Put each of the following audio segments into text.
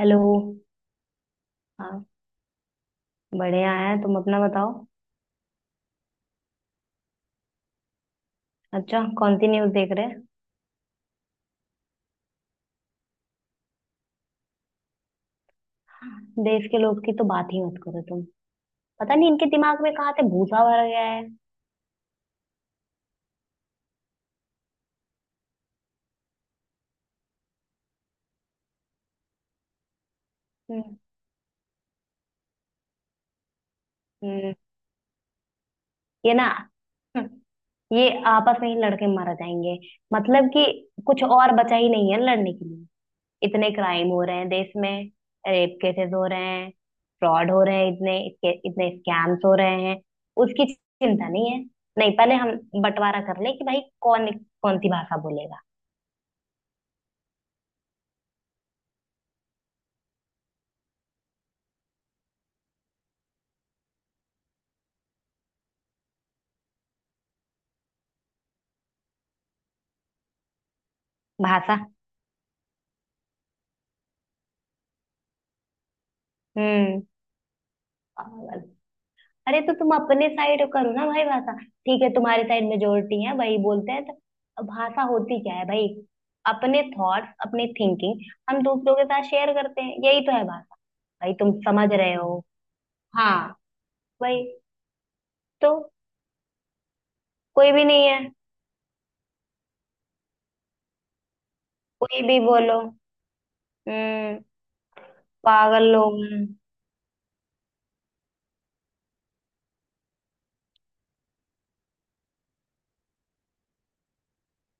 Hello. हाँ। बढ़िया है, तुम अपना बताओ। अच्छा कौन सी न्यूज़ देख रहे हैं? देश के लोग की तो बात ही मत करो तुम। पता नहीं इनके दिमाग में कहाँ से भूसा भर गया है। हम्म। हम्म, ये ना। हम्म, ये आपस में ही लड़के मारे जाएंगे। मतलब कि कुछ और बचा ही नहीं है लड़ने के लिए। इतने क्राइम हो रहे हैं देश में। रेप केसेस हो रहे हैं। फ्रॉड हो रहे हैं, इतने इतने स्कैम्स हो रहे हैं। उसकी चिंता नहीं है। नहीं, पहले हम बंटवारा कर ले कि भाई कौन कौन सी भाषा बोलेगा। भाषा। हम्म। पागल। अरे तो तुम अपने साइड करो ना भाई, भाषा ठीक है, तुम्हारे साइड मेजोरिटी है भाई बोलते हैं तो। अब भाषा होती क्या है भाई? अपने थॉट्स, अपने थिंकिंग हम दूसरों के साथ शेयर करते हैं, यही तो है भाषा। भाई तुम समझ रहे हो? हाँ। भाई तो कोई भी नहीं है, कोई भी बोलो। हम्म। पागल लोग हैं।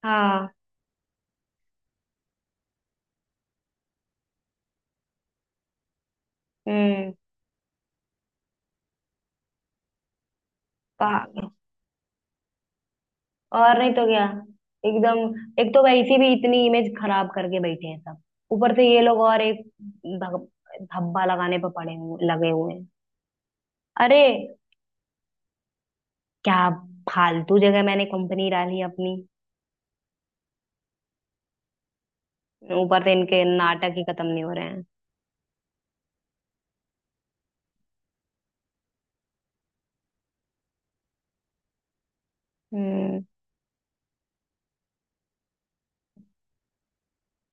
हाँ। हम्म। पागल। और नहीं तो क्या। एकदम एक तो वैसी भी इतनी इमेज खराब करके बैठे हैं सब, ऊपर से ये लोग और एक धब- धब्बा लगाने पर पड़े हुए लगे हुए हैं। अरे क्या, फालतू जगह मैंने कंपनी डाली अपनी। ऊपर से इनके नाटक ही खत्म नहीं हो रहे हैं। हम्म।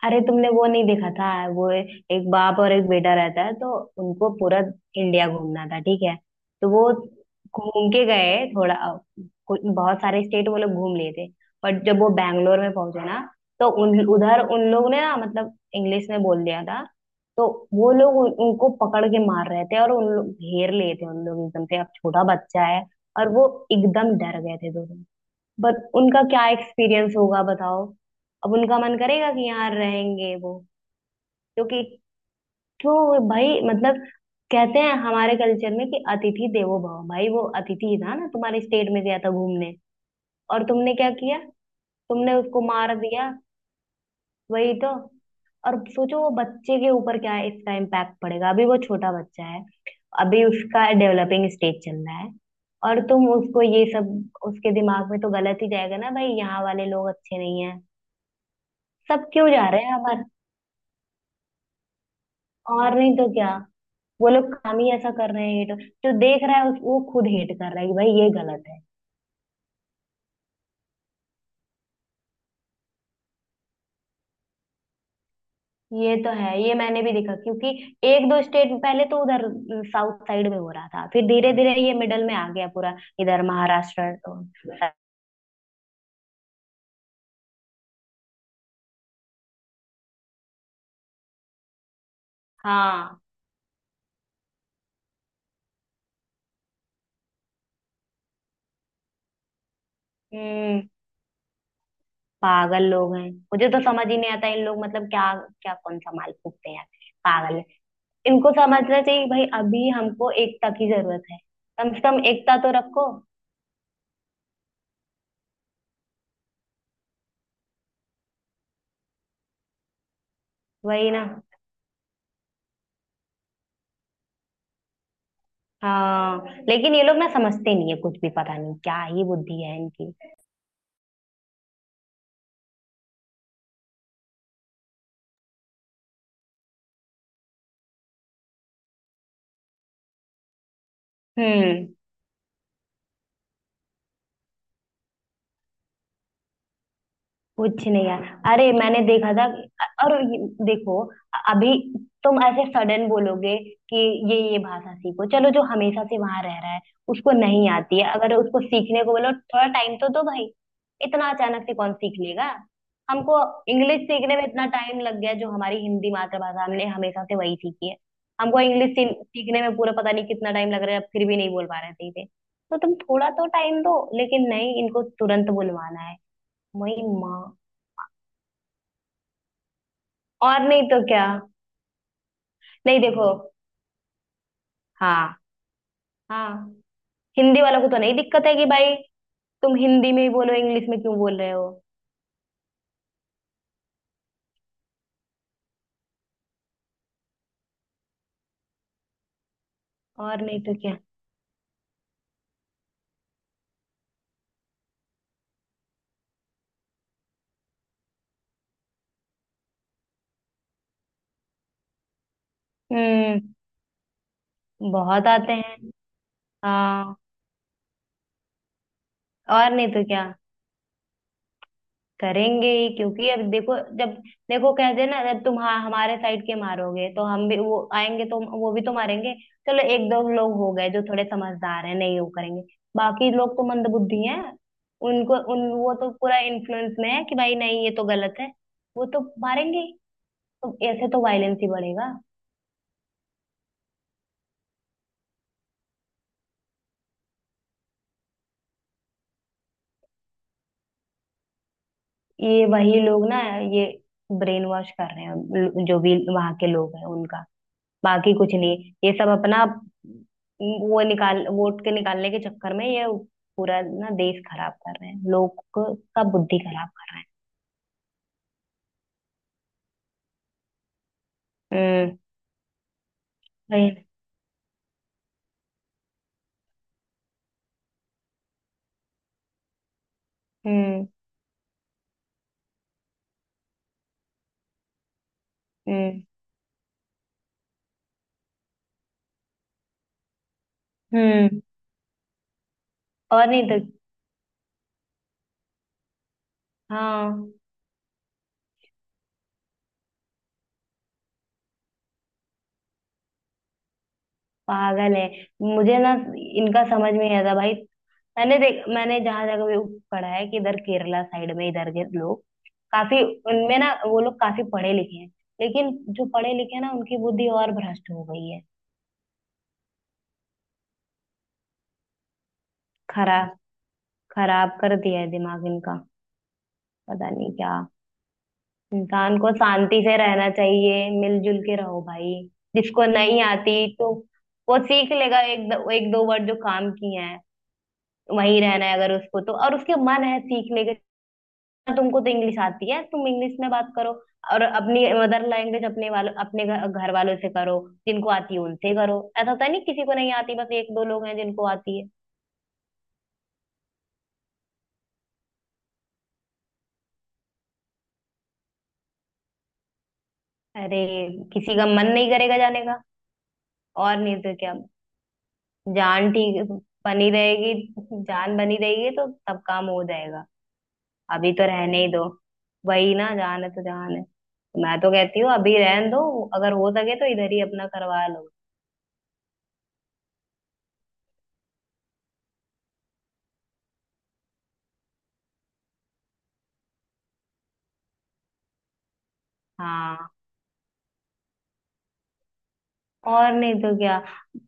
अरे तुमने वो नहीं देखा था? वो एक बाप और एक बेटा रहता है तो उनको पूरा इंडिया घूमना था, ठीक है। तो वो घूम के गए थोड़ा, बहुत सारे स्टेट वो लोग घूम लिए थे। पर जब वो बैंगलोर में पहुंचे ना, तो उन उधर उन लोग ने ना मतलब इंग्लिश में बोल दिया था। तो वो लोग उनको पकड़ के मार रहे थे, और उन लोग घेर लिए थे, उन लोग एकदम से, अब छोटा बच्चा है। और वो एकदम डर गए थे दोनों। बट उनका क्या एक्सपीरियंस होगा, बताओ? अब उनका मन करेगा कि यहाँ रहेंगे वो? क्योंकि तो भाई मतलब कहते हैं हमारे कल्चर में कि अतिथि देवो भव। भाई वो अतिथि ही था ना, तुम्हारे स्टेट में गया था घूमने, और तुमने क्या किया? तुमने उसको मार दिया। वही तो। और सोचो वो बच्चे के ऊपर क्या इसका इम्पैक्ट पड़ेगा, अभी वो छोटा बच्चा है, अभी उसका डेवलपिंग स्टेज चल रहा है, और तुम उसको ये सब। उसके दिमाग में तो गलत ही जाएगा ना भाई, यहाँ वाले लोग अच्छे नहीं है। सब क्यों जा रहे हैं हमारे। और नहीं तो क्या। वो लोग काम ही ऐसा कर रहे हैं ये तो। जो देख रहा है वो खुद हेट कर रहा है कि भाई ये गलत है। ये तो है, ये मैंने भी देखा, क्योंकि एक दो स्टेट पहले तो उधर साउथ साइड में हो रहा था, फिर धीरे धीरे ये मिडल में आ गया, पूरा इधर महाराष्ट्र तो, हाँ। हम्म। पागल लोग हैं, मुझे तो समझ ही नहीं आता इन लोग मतलब क्या। क्या कौन सा माल फूकते हैं यार। पागल है। इनको समझना चाहिए कि भाई अभी हमको एकता की जरूरत है, कम से कम एकता तो रखो। वही ना। हाँ। लेकिन ये लोग ना समझते नहीं है कुछ भी, पता नहीं क्या ही बुद्धि है इनकी। हम्म। कुछ नहीं यार। अरे मैंने देखा था, और ये, देखो, अभी तुम ऐसे सडन बोलोगे कि ये भाषा सीखो चलो। जो हमेशा से वहां रह रहा है, उसको नहीं आती है, अगर उसको सीखने को बोलो, थोड़ा टाइम तो दो भाई। इतना अचानक से कौन सीख लेगा? हमको इंग्लिश सीखने में इतना टाइम लग गया, जो हमारी हिंदी मातृभाषा हमने हमेशा से वही सीखी है, हमको इंग्लिश सीखने में पूरा पता नहीं कितना टाइम लग रहा है, अब फिर भी नहीं बोल पा रहे थे, तो तुम थोड़ा तो टाइम दो, लेकिन नहीं, इनको तुरंत बुलवाना है। वही माँ। और नहीं तो क्या। नहीं देखो। हाँ। हाँ। हिंदी वालों को तो नहीं दिक्कत है कि भाई तुम हिंदी में ही बोलो, इंग्लिश में क्यों बोल रहे हो? और नहीं तो क्या। हम्म बहुत आते हैं। हाँ। और नहीं तो क्या। करेंगे ही, क्योंकि अब देखो, जब देखो कहते हैं ना, जब तुम हाँ हमारे साइड के मारोगे, तो हम भी वो आएंगे तो वो भी तो मारेंगे। चलो एक दो लोग हो गए जो थोड़े समझदार हैं, नहीं वो करेंगे, बाकी लोग तो मंदबुद्धि हैं। उनको उन वो तो पूरा इन्फ्लुएंस में है कि भाई नहीं ये तो गलत है, वो तो मारेंगे ही। तो ऐसे तो वायलेंस ही बढ़ेगा। ये वही लोग ना, ये ब्रेन वॉश कर रहे हैं जो भी वहां के लोग हैं उनका। बाकी कुछ नहीं, ये सब अपना वो निकाल, वोट के निकालने के चक्कर में ये पूरा ना देश खराब कर रहे हैं, लोग का बुद्धि खराब कर रहे हैं। हम्म। वही। हम्म। हम्म। हम्म। और नहीं तो। हाँ। पागल है। मुझे ना इनका समझ में नहीं आता भाई। मैंने जहां जगह भी पढ़ा है कि इधर केरला साइड में इधर के लोग काफी, उनमें ना वो लोग काफी पढ़े लिखे हैं, लेकिन जो पढ़े लिखे हैं ना, उनकी बुद्धि और भ्रष्ट हो गई है। खरा खराब कर दिया है दिमाग इनका। पता नहीं क्या। इंसान को शांति से रहना चाहिए, मिलजुल के रहो भाई। जिसको नहीं आती तो वो सीख लेगा एक दो वर्ड जो काम किए हैं। वही रहना है अगर उसको तो, और उसके मन है सीखने के। तुमको तो इंग्लिश आती है, तुम इंग्लिश में बात करो, और अपनी मदर लैंग्वेज अपने वालों, अपने घर घर वालों से करो। जिनको आती है उनसे करो, ऐसा होता नहीं, किसी को नहीं आती, बस एक दो लोग हैं जिनको आती है। अरे किसी का मन नहीं करेगा जाने का। और नहीं तो क्या। जान ठीक बनी रहेगी, जान बनी रहेगी तो सब काम हो जाएगा। अभी तो रहने ही दो। वही ना, जान है तो जान है। मैं तो कहती हूँ अभी रहने दो, अगर हो सके तो इधर ही अपना करवा लो। हाँ। और नहीं तो क्या।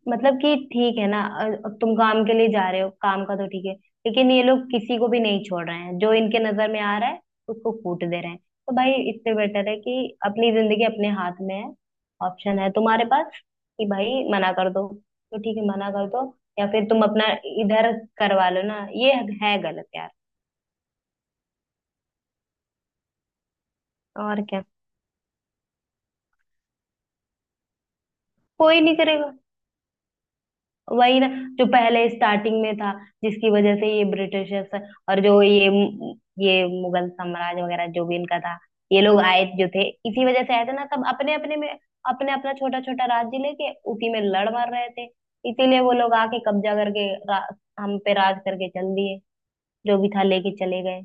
मतलब कि ठीक है ना, तुम काम के लिए जा रहे हो, काम का तो ठीक है, लेकिन ये लोग किसी को भी नहीं छोड़ रहे हैं, जो इनके नजर में आ रहा है उसको फूट दे रहे हैं। तो भाई इससे बेटर है कि अपनी जिंदगी अपने हाथ में है, ऑप्शन है तुम्हारे पास कि भाई मना कर दो तो ठीक है मना कर दो, या फिर तुम अपना इधर करवा लो ना, ये है गलत यार। और क्या। कोई नहीं करेगा। वही ना, जो पहले स्टार्टिंग में था, जिसकी वजह से ये ब्रिटिशर्स और जो ये मुगल साम्राज्य वगैरह जो भी इनका था, ये लोग आए जो थे, इसी वजह से आए थे ना, सब अपने अपने में, अपने अपना छोटा छोटा राज्य लेके उसी में लड़ मर रहे थे। इसीलिए वो लोग आके कब्जा करके हम पे राज करके चल दिए, जो भी था लेके चले गए।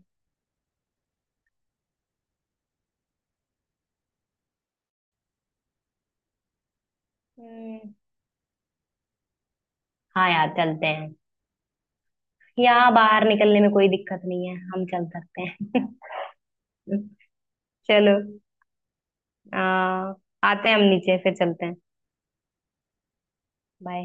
हम्म। हाँ यार, चलते हैं। यहाँ बाहर निकलने में कोई दिक्कत नहीं है, हम चल सकते हैं। चलो। आ, आते हैं, हम नीचे फिर चलते हैं। बाय।